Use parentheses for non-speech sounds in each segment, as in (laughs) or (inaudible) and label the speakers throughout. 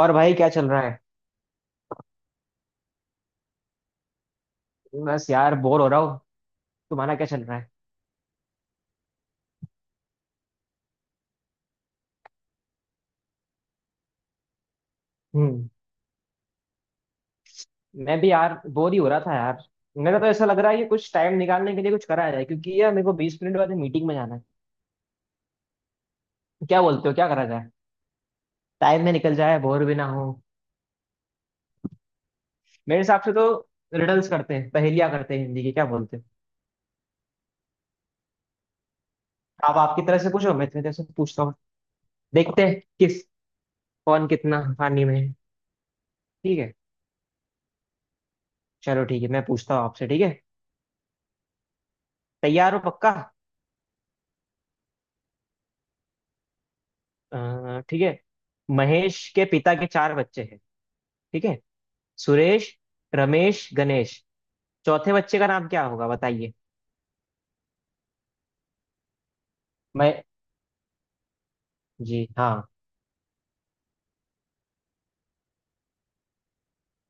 Speaker 1: और भाई क्या चल रहा है। बस यार बोर हो रहा हूँ। तुम्हारा क्या चल रहा है? हम्म मैं भी यार बोर ही हो रहा था यार। मेरा तो ऐसा लग रहा है कि कुछ टाइम निकालने के लिए कुछ करा जाए, क्योंकि यार मेरे को 20 मिनट बाद मीटिंग में जाना है। क्या बोलते हो, क्या करा जाए? टाइम में निकल जाए, बोर भी ना हो। मेरे हिसाब से तो रिडल्स करते हैं, पहेलियां करते हैं हिंदी की, क्या बोलते हो? आप आपकी तरह से पूछो, मैं इतनी तरह से पूछता हूँ। देखते हैं किस, कौन कितना पानी में है। ठीक है, चलो ठीक है, मैं पूछता हूँ आपसे, ठीक है? तैयार हो पक्का? ठीक है। महेश के पिता के चार बच्चे, ठीक है? सुरेश, रमेश, गणेश। चौथे बच्चे का नाम क्या होगा, बताइए। मैं? जी हाँ,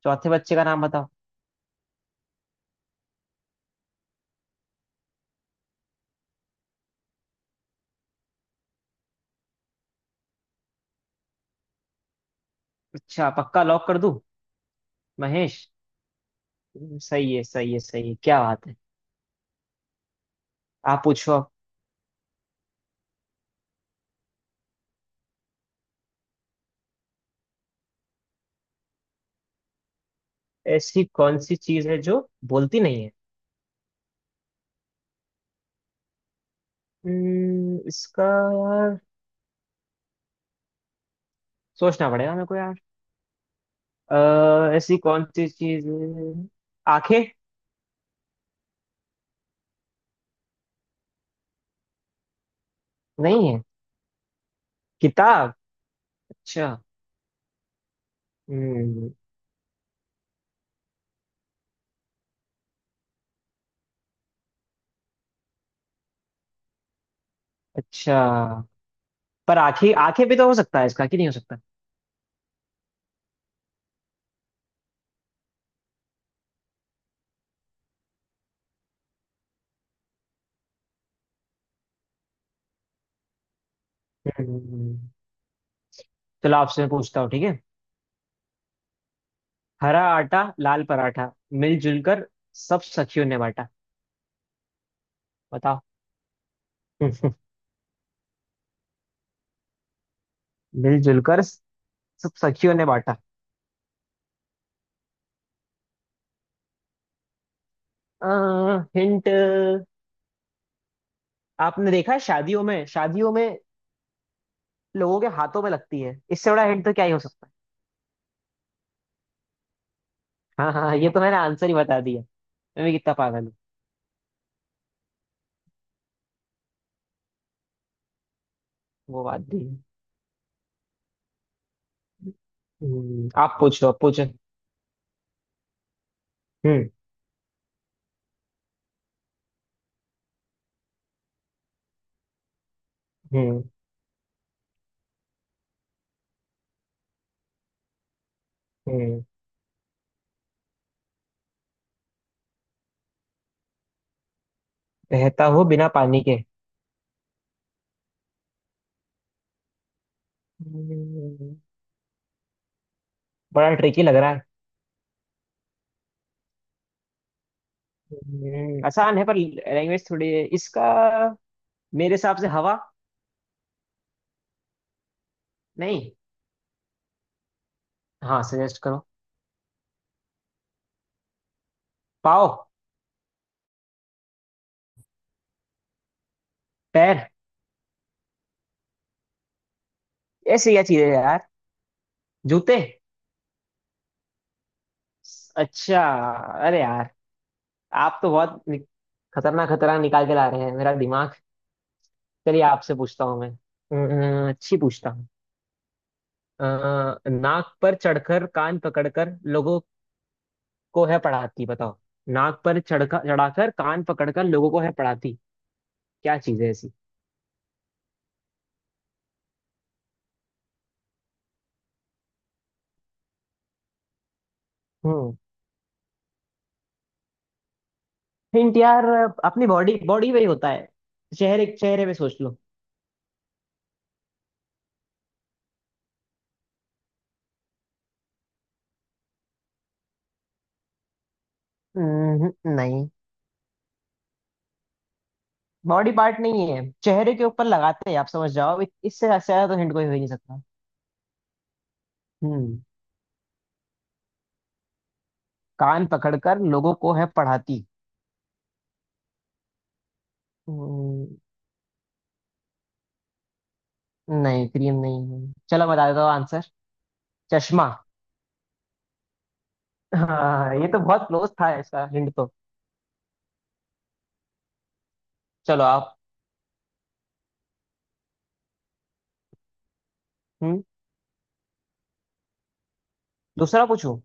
Speaker 1: चौथे बच्चे का नाम बताओ। अच्छा, पक्का लॉक कर दूं? महेश। सही है, सही है, सही है, क्या बात है। आप पूछो अब। ऐसी कौन सी चीज है जो बोलती नहीं है? इसका यार सोचना पड़ेगा मेरे को यार। ऐसी कौन सी चीज है? आंखें? नहीं है? किताब? अच्छा। हम्म। अच्छा, पर आंखें, आंखें भी तो हो सकता है इसका, कि नहीं हो सकता? हम्म, चलो आपसे मैं पूछता हूँ, ठीक है। हरा आटा लाल पराठा, मिलजुल कर सब सखियों ने बांटा। बताओ। (laughs) मिलजुल कर सब सखियों ने बांटा। हिंट? आपने देखा है शादियों में, शादियों में, लोगों के हाथों में लगती है, इससे बड़ा हिंट तो क्या ही हो सकता है। हाँ हाँ, ये तो मैंने आंसर ही बता दिया। मैं भी कितना पागल हूँ। वो बात भी है। आप पूछो, आप पूछो। हम्म। हम्म। हम्म। बहता हूँ बिना पानी के। हम्म, बड़ा ट्रिकी लग रहा है। आसान है पर लैंग्वेज थोड़ी है इसका। मेरे हिसाब से हवा। नहीं। हाँ, सजेस्ट करो। पाँव? पैर? ऐसी क्या चीज है यार? जूते? अच्छा। अरे यार, आप तो बहुत खतरनाक, खतरनाक निकाल के ला रहे हैं मेरा दिमाग। चलिए आपसे पूछता हूँ मैं अच्छी पूछता हूँ। अ, नाक पर चढ़कर कान पकड़कर लोगों को है पढ़ाती, बताओ। नाक पर चढ़कर चढ़ाकर कान पकड़कर लोगों को है पढ़ाती। क्या चीज है ऐसी? हिंट यार, अपनी बॉडी बॉडी में ही होता है। चेहरे चेहरे पे सोच लो। हम्म, नहीं। बॉडी पार्ट नहीं है, चेहरे के ऊपर लगाते हैं, आप समझ जाओ, इससे ज्यादा तो हिंट कोई हो ही नहीं सकता। हम्म। कान पकड़कर लोगों को है पढ़ाती। हम्म, नहीं क्रीम नहीं है, चलो बता देता हूँ आंसर। चश्मा। हाँ, ये तो बहुत क्लोज था इसका हिंट तो। चलो आप। हम्म। दूसरा पूछूं?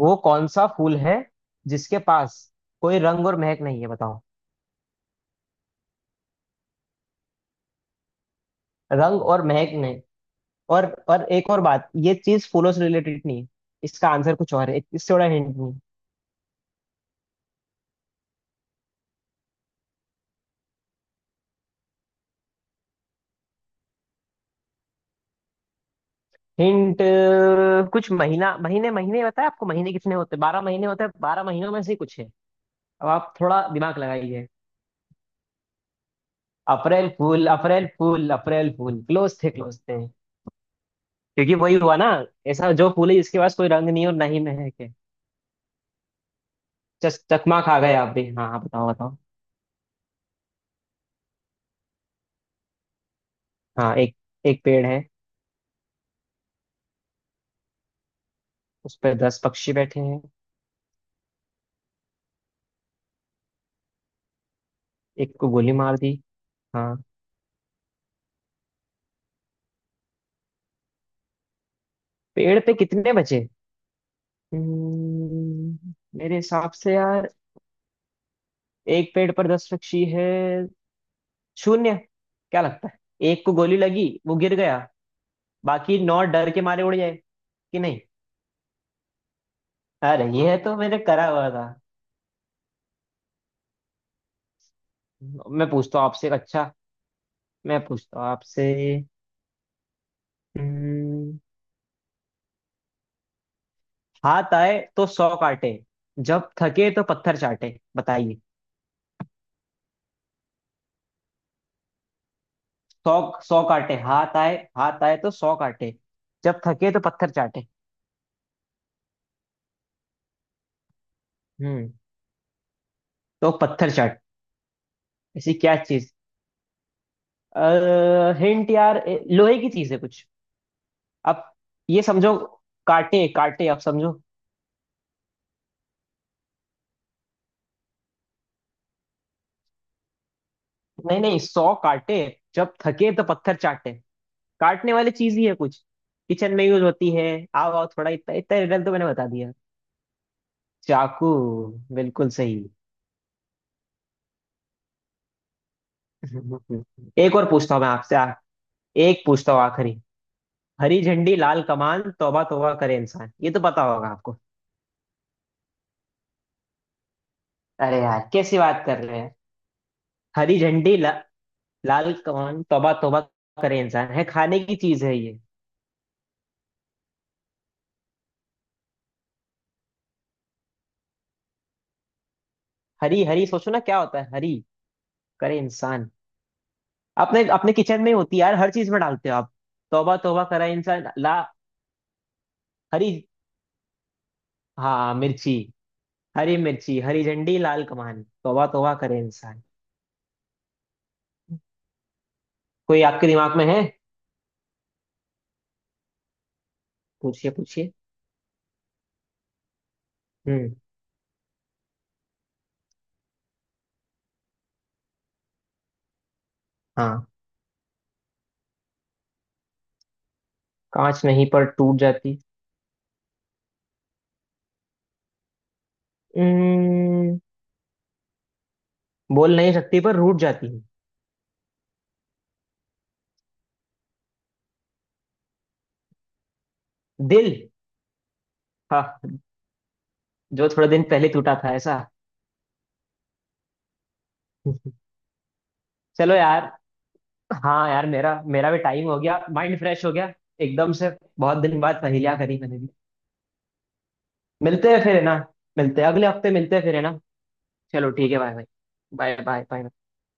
Speaker 1: वो कौन सा फूल है जिसके पास कोई रंग और महक नहीं है, बताओ। रंग और महक नहीं। और एक और बात, ये चीज फूलों से रिलेटेड नहीं है। इसका आंसर कुछ और है, इससे बड़ा हिंट नहीं। हिंट? कुछ महीना, महीने महीने बताया आपको, महीने कितने होते हैं, 12 महीने होते हैं, 12 महीनों में से ही कुछ है। अब आप थोड़ा दिमाग लगाइए। April fool, April fool, April fool. Close थे, क्लोज थे। क्योंकि वही हुआ ना, ऐसा जो फूल है जिसके पास कोई रंग नहीं और ना ही महक है। चस, चकमा खा गए आप भी। हाँ हाँ, बताओ, बताओ। हाँ एक, एक पेड़ है। उस पर 10 पक्षी बैठे हैं। एक को गोली मार दी। हाँ, पेड़ पे कितने बचे? हम्म, मेरे हिसाब से यार, एक पेड़ पर 10 पक्षी है, शून्य। क्या लगता है? एक को गोली लगी, वो गिर गया, बाकी नौ डर के मारे उड़ जाए, कि नहीं? अरे, ये तो मैंने करा हुआ था। मैं पूछता हूँ आपसे एक, अच्छा। मैं पूछता हूँ आपसे। हम्म, हाथ आए तो सौ काटे, जब थके तो पत्थर चाटे, बताइए। सौ, सौ काटे। हाथ आए, हाथ आए तो सौ काटे, जब थके तो पत्थर चाटे। हम्म। तो पत्थर चाट। ऐसी क्या चीज? हिंट यार, ए, लोहे की चीज है कुछ। आप ये समझो, काटे, काटे, आप समझो। नहीं नहीं, सौ काटे, जब थके तो पत्थर चाटे। काटने वाली चीज ही है कुछ, किचन में यूज होती है। आओ आओ, थोड़ा इतना, इतना रिडल तो मैंने बता दिया। चाकू। बिल्कुल सही। (laughs) एक और पूछता हूँ मैं आपसे, आ, एक पूछता हूँ आखिरी। हरी झंडी लाल कमान, तौबा तौबा करे इंसान, ये तो पता होगा आपको। अरे यार, कैसी बात कर रहे हैं? हरी झंडी ल... लाल कौन, तौबा तौबा करे इंसान, है, खाने की चीज है ये। हरी, हरी सोचो ना क्या होता है, हरी करे इंसान, अपने अपने किचन में ही होती है यार, हर चीज में डालते हो आप, तौबा तौबा करे इंसान, ला। हरी। हाँ, मिर्ची। हरी मिर्ची, हरी झंडी लाल कमान, तौबा तौबा करे इंसान। कोई आपके दिमाग में है? पूछिए, पूछिए। हम्म। हाँ, कांच नहीं पर टूट जाती। हम्म, बोल नहीं सकती पर रूठ जाती, है दिल। हाँ, जो थोड़े दिन पहले टूटा था ऐसा। (laughs) चलो यार। हाँ यार, मेरा मेरा भी टाइम हो गया, माइंड फ्रेश हो गया एकदम से। बहुत दिन बाद पहेलियां करी मैंने भी। मिलते हैं फिर, है ना? मिलते हैं, अगले हफ्ते मिलते हैं फिर, है ना? चलो ठीक है, bye bye. Bye bye bye.